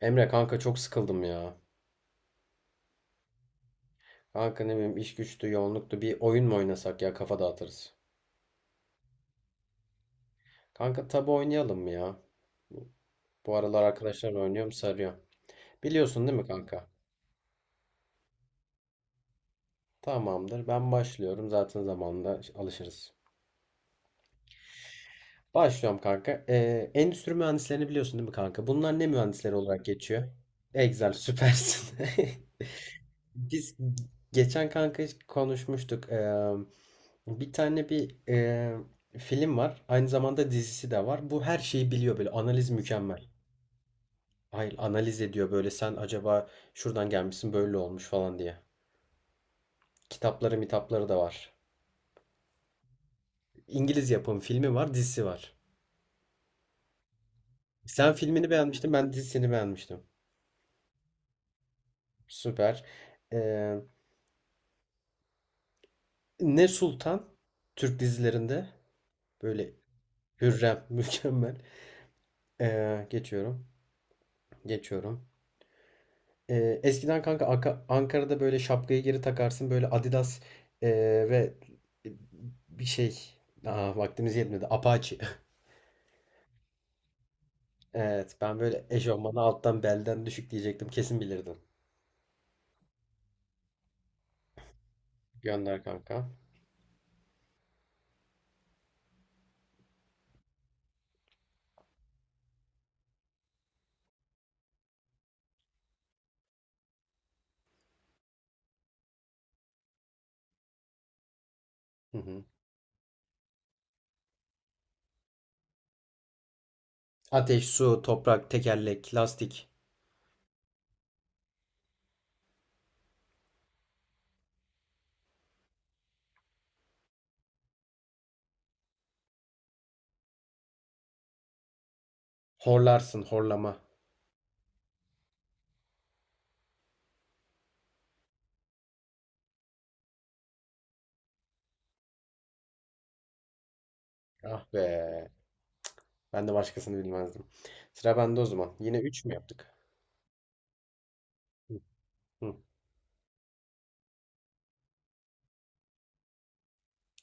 Emre kanka çok sıkıldım ya. Kanka ne bileyim iş güçtü, yoğunluktu. Bir oyun mu oynasak ya kafa dağıtırız. Kanka tabu oynayalım mı ya? Bu aralar arkadaşlarla oynuyorum sarıyor. Biliyorsun değil mi kanka? Tamamdır. Ben başlıyorum. Zaten zamanında alışırız. Başlıyorum kanka. Endüstri mühendislerini biliyorsun değil mi kanka? Bunlar ne mühendisleri olarak geçiyor? Excel süpersin. Biz geçen kanka konuşmuştuk. Bir tane bir film var. Aynı zamanda dizisi de var. Bu her şeyi biliyor böyle. Analiz mükemmel. Hayır, analiz ediyor böyle. Sen acaba şuradan gelmişsin böyle olmuş falan diye. Kitapları mitapları da var. İngiliz yapım filmi var, dizisi var. Sen filmini beğenmiştin, ben dizisini beğenmiştim. Süper. Eee, Ne Sultan Türk dizilerinde böyle Hürrem mükemmel. Geçiyorum. Geçiyorum. Eskiden kanka Ankara'da böyle şapkayı geri takarsın böyle Adidas ve bir şey. Aa, vaktimiz yetmedi Apache. Evet ben böyle eşofmanı alttan belden düşük diyecektim kesin bilirdin. Gönder kanka. Hı hı. Ateş, su, toprak, tekerlek, lastik. Horlarsın horlama. Ah be ben de başkasını bilmezdim. Sıra bende o zaman. Yine 3 mü yaptık? Hı hı.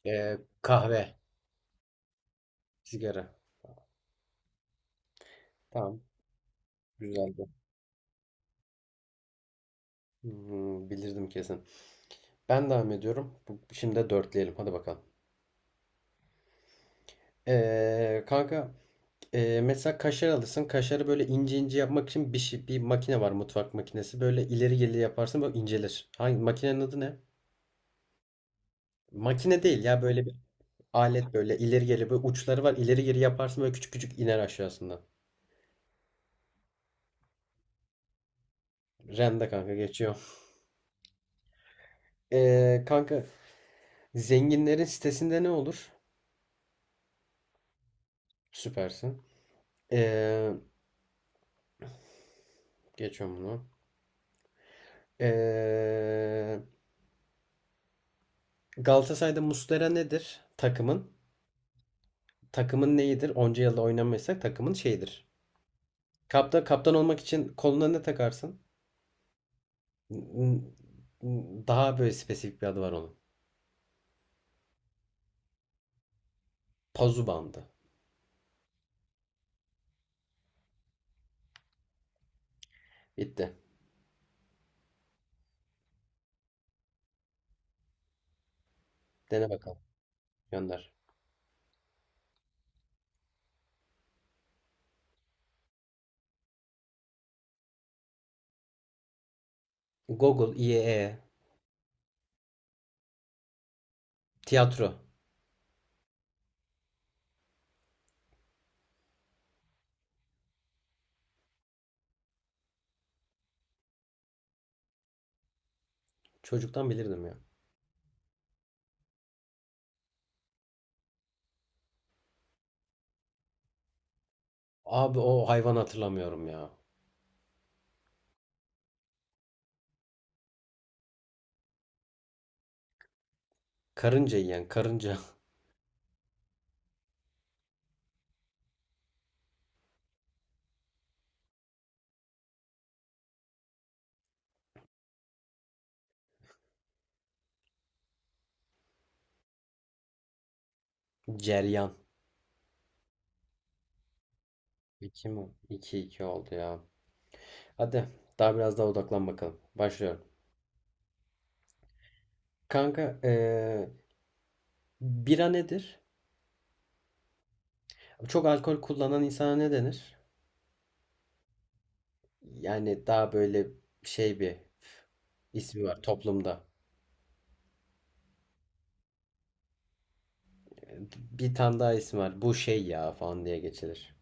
Kahve, sigara. Tamam, güzeldi. Hmm, bilirdim kesin. Ben devam ediyorum. Şimdi de dörtleyelim. Hadi bakalım. Kanka, mesela kaşar alırsın. Kaşarı böyle ince ince yapmak için bir şey, bir makine var. Mutfak makinesi. Böyle ileri geri yaparsın böyle incelir. Hangi makinenin adı ne? Makine değil ya, böyle bir alet, böyle ileri geri, böyle uçları var. İleri geri yaparsın, böyle küçük küçük iner aşağısından. Rende kanka, geçiyor. Kanka, zenginlerin sitesinde ne olur? Süpersin. Ee, Geçiyorum bunu. Ee, Galatasaray'da Muslera nedir? Takımın. Takımın neyidir? Onca yılda oynamıyorsak takımın şeyidir. Kaptan, kaptan olmak için koluna ne takarsın? Daha böyle spesifik bir adı var onun. Pazu bandı. Bitti. Dene bakalım. Gönder. Google, IE, tiyatro. Çocuktan bilirdim ya. Abi o hayvan hatırlamıyorum ya. Karınca yiyen, karınca. Ceryan. 2 mi? 2 iki oldu ya. Hadi daha biraz daha odaklan bakalım. Başlıyorum. Kanka, bira nedir? Çok alkol kullanan insana ne denir? Yani daha böyle şey bir ismi var toplumda. Bir tane daha ismi var. Bu şey ya falan diye geçilir.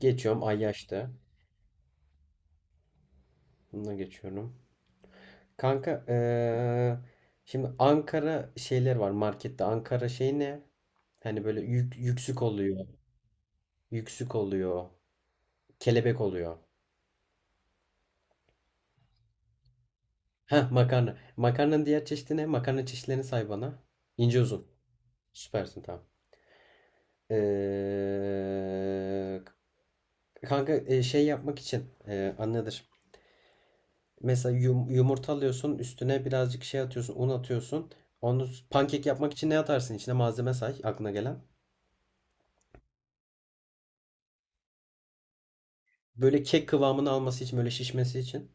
Geçiyorum Ayyaş'ta. Bununla geçiyorum. Kanka, şimdi Ankara şeyler var markette. Ankara şey ne? Hani böyle yük, yüksük oluyor. Yüksük oluyor. Kelebek oluyor. Heh, makarna. Makarnanın diğer çeşidi ne? Makarna çeşitlerini say bana. İnce uzun. Süpersin, tamam. Ee, kanka, şey yapmak için anladır. Mesela yumurta alıyorsun, üstüne birazcık şey atıyorsun, un atıyorsun. Pankek yapmak için ne atarsın? İçine malzeme say aklına gelen. Böyle kek kıvamını alması için, böyle şişmesi için.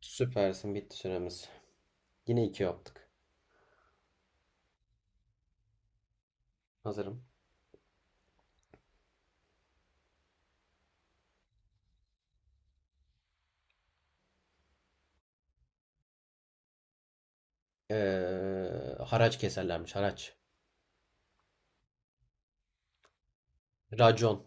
Süpersin, bitti süremiz. Yine iki yaptık. Hazırım. Haraç keserlermiş, haraç. Racon.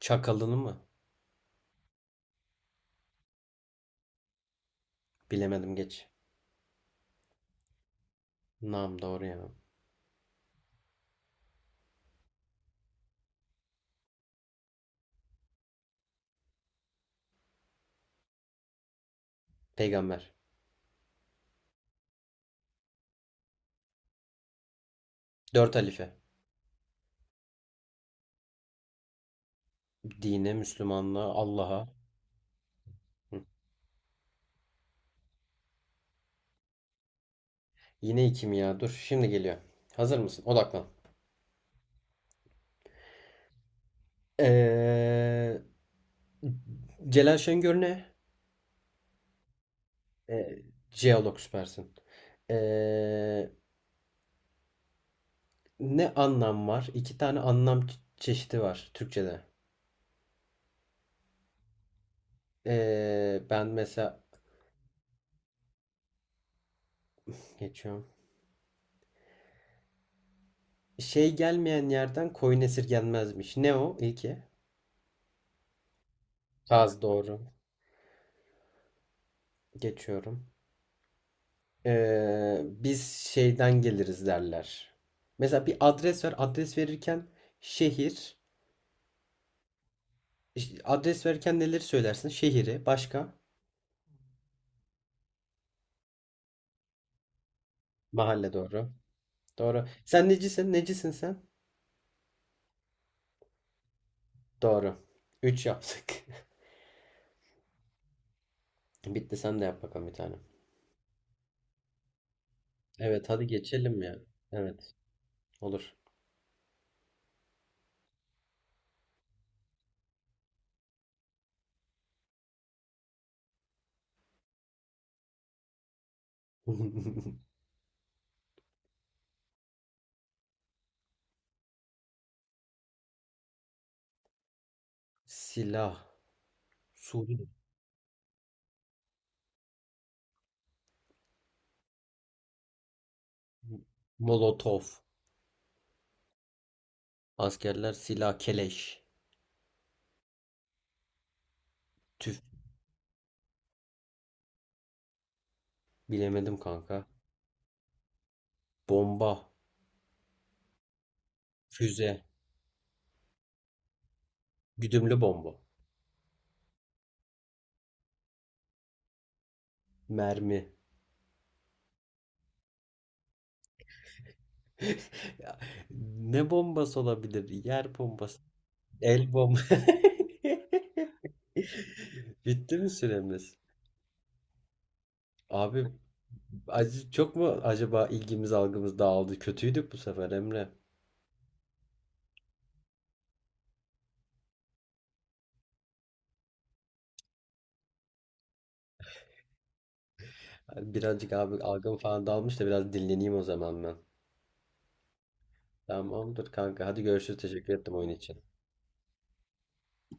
Çakalını mı? Bilemedim, geç. Nam, doğru ya. Peygamber. Dört halife. Dine, Müslümanlığa, Allah'a. Yine iki mi ya? Dur, şimdi geliyor. Hazır mısın? Odaklan. Ee, Celal Şengör ne? Ee, Jeolog, süpersin. Ee, Ne anlam var? İki tane anlam çeşidi var Türkçe'de. Ben mesela geçiyorum. Şey gelmeyen yerden koyun esirgenmezmiş. Ne o? İlki. Saz, doğru. Geçiyorum. Biz şeyden geliriz derler. Mesela bir adres ver. Adres verirken şehir. İşte adres verirken neleri söylersin? Şehri, başka? Mahalle, doğru. Doğru. Sen necisin? Necisin sen? Doğru. 3 yaptık. Bitti, sen de yap bakalım bir tane. Evet, hadi geçelim ya. Evet, olur. Silah. Suri. Molotov. Askerler silah, keleş. Tüf. Bilemedim kanka. Bomba. Füze. Güdümlü bomba. Mermi. Ya, ne bombası olabilir? Yer bombası. El bombası. Bitti mi süremiz? Abi acı çok mu acaba, ilgimiz algımız dağıldı? Kötüydük bu sefer Emre. Birazcık abi algım falan dağılmış da, biraz dinleneyim o zaman ben. Tamamdır kanka. Hadi görüşürüz. Teşekkür ettim oyun için.